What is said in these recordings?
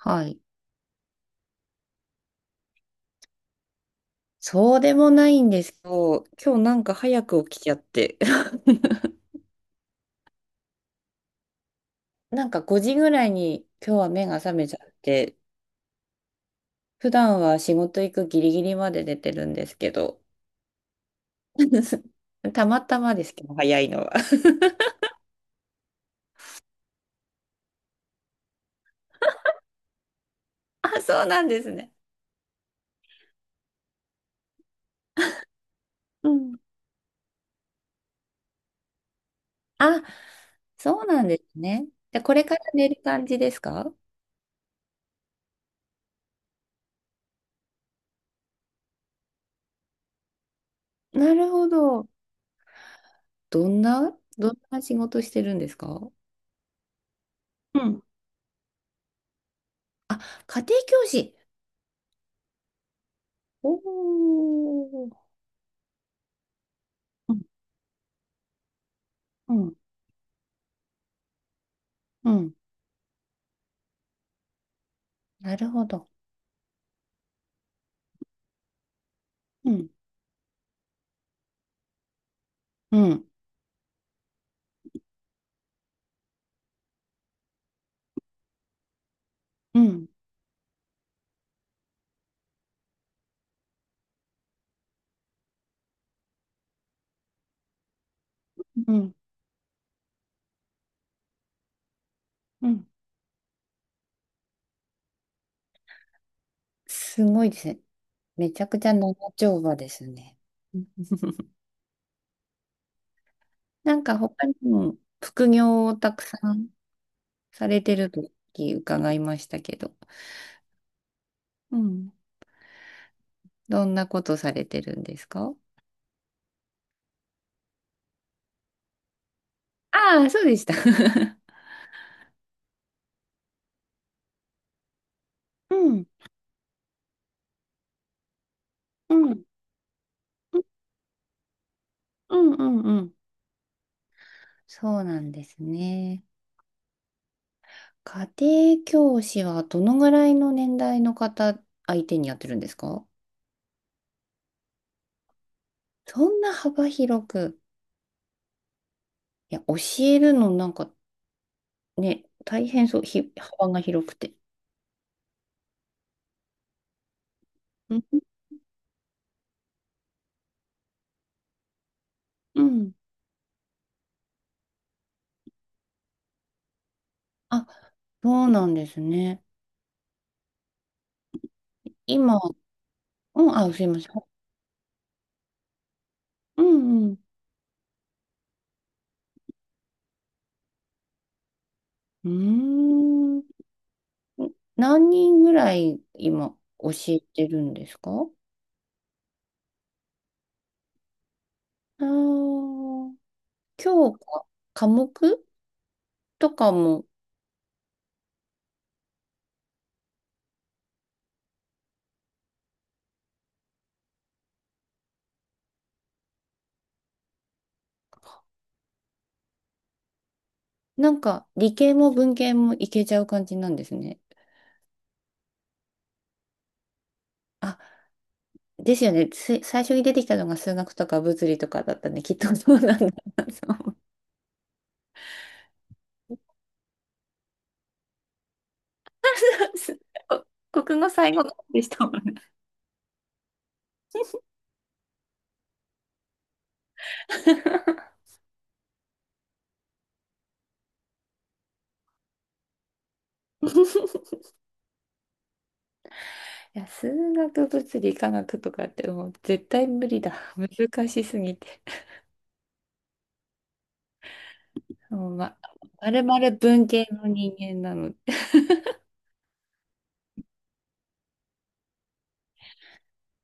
はい。そうでもないんですけど、今日なんか早く起きちゃって、なんか5時ぐらいに今日は目が覚めちゃって、普段は仕事行くギリギリまで寝てるんですけど、たまたまですけど、早いのは。あ、そうなんですね。うん。あ、そうなんですね。で、これから寝る感じですか？なるほど。どんな仕事してるんですか？うん。あ、家庭教師。おー。うんうん。なるほど。うん。うん。うん。うん。うん。すごいですね。めちゃくちゃ長丁場ですね。うん なんか他にも副業をたくさんされてると伺いましたけど。うん。どんなことされてるんですか？ああ、そうでした。うん。うん。うんうんうん。そうなんですね。家庭教師はどのぐらいの年代の方相手にやってるんですか？そんな幅広く、いや、教えるのなんかね、大変そう、幅が広くて。うん。うん。あ、そうなんですね。今、うん、あ、すいません。うんうん。うーん。何人ぐらい今教えてるんですか？ああー、今日か、科目とかも、なんか理系も文系もいけちゃう感じなんですね。あ、ですよね。つい最初に出てきたのが数学とか物理とかだったね。きっとそうなんだなと思う。国語最後の方でしたもんね。いや、数学、物理、科学とかってもう絶対無理だ。難しすぎて。もうま、まるまる文系の人間なので。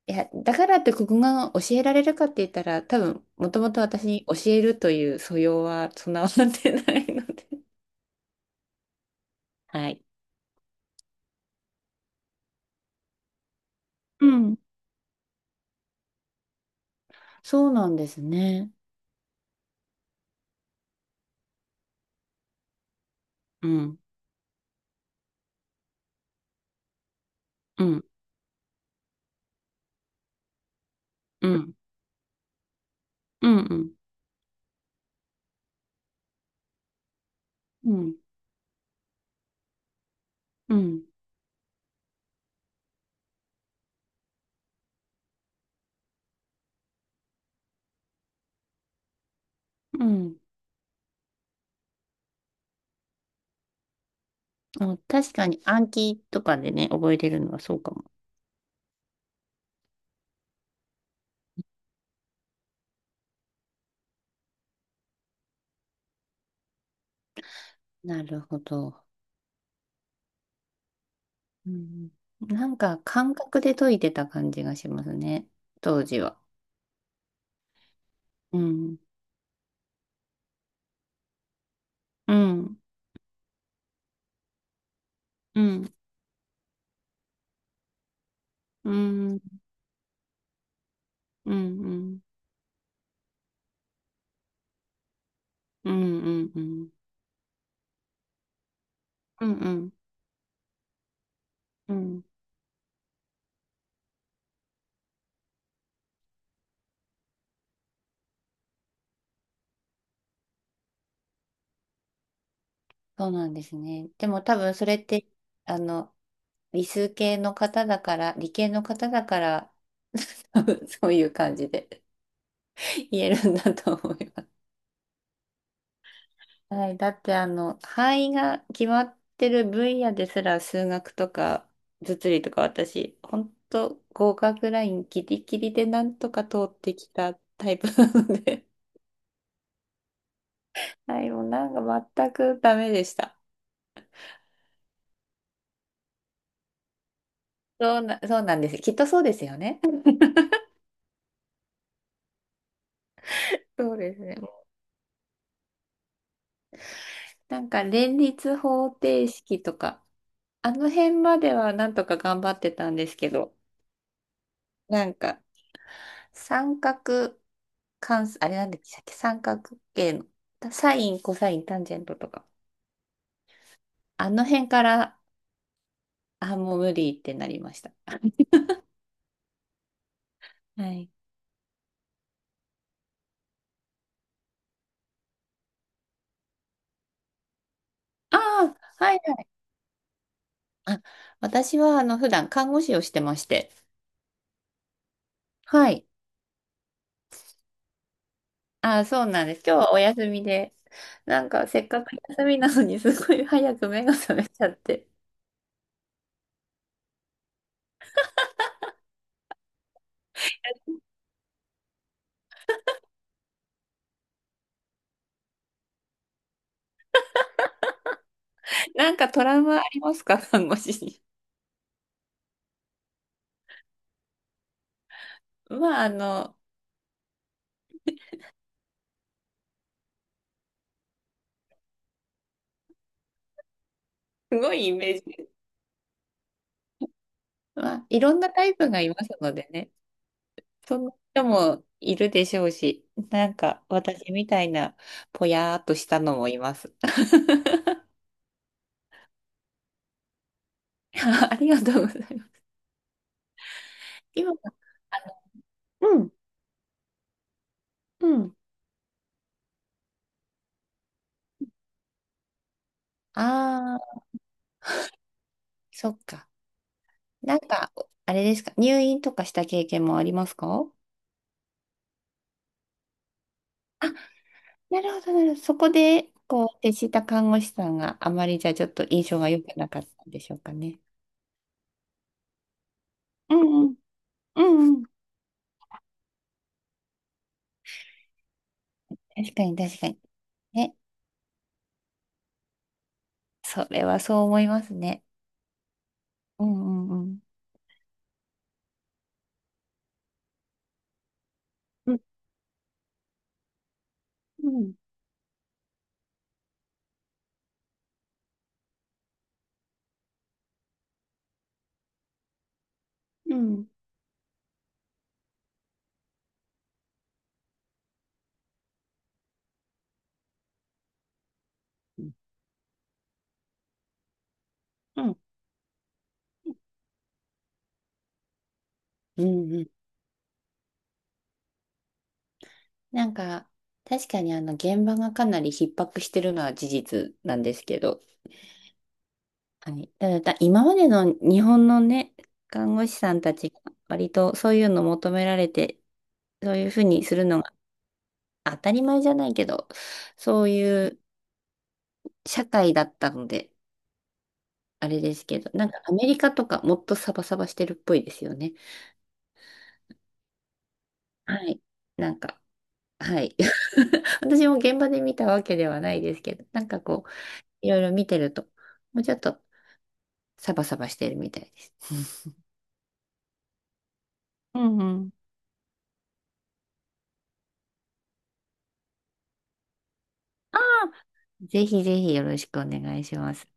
いや、だからって国語が教えられるかって言ったら、多分、もともと私に教えるという素養は備わってないので。はい。うん。そうなんですね。うん。うん。うん、うん、うん、うん、うん。うん、あ、確かに暗記とかでね、覚えれるのはそうかも。なるほど。うん、なんか感覚で解いてた感じがしますね、当時は。うん、うん、うん、うん、うん、うん、うん、うん、うん、うん、そうなんですね。でも多分それって、あの、理数系の方だから、理系の方だから、そういう感じで。言えるんだと思います。はい。だってあの、範囲が決まってる分野ですら数学とか物理とか私、本当合格ラインギリギリでなんとか通ってきたタイプなので。はい、もうなんか全くダメでした。そうなんです。きっとそうですよね。そうですね。なんか連立方程式とか、あの辺まではなんとか頑張ってたんですけど、なんか三角関数、あれなんでしたっけ三角形の。サイン、コサイン、タンジェントとか。あの辺から、あ、もう無理ってなりました。はい。ああ、はいはい。あ、私は、あの、普段看護師をしてまして。はい。あ、そうなんです。今日はお休みで。なんか、せっかく休みなのに、すごい早く目が覚めちゃって。なんかトラウマありますか、看護師に？まあ、あの、すごいイメージ。まあ、いろんなタイプがいますのでね。そんな人もいるでしょうし、なんか私みたいなぽやーっとしたのもいます。ありがとうございます。今、うん、うん。ああ、そっか。なんか、あれですか、入院とかした経験もありますか？あ、なるほど、なるほど。そこで、こう、接した看護師さんがあまりじゃちょっと印象が良くなかったんでしょうかね。うんうん、うんうん。確かに、確かに。ね、それはそう思いますね。うんうんうん。うんうんうん。うんうん。うんうん、なんか、確かにあの、現場がかなり逼迫してるのは事実なんですけど、はい。ただ、今までの日本のね、看護師さんたちが割とそういうの求められて、そういうふうにするのが当たり前じゃないけど、そういう社会だったので、あれですけど、なんかアメリカとかもっとサバサバしてるっぽいですよね。はい。なんか、はい。私も現場で見たわけではないですけど、なんかこう、いろいろ見てると、もうちょっとサバサバしてるみたいです。うんうん。ぜひぜひよろしくお願いします。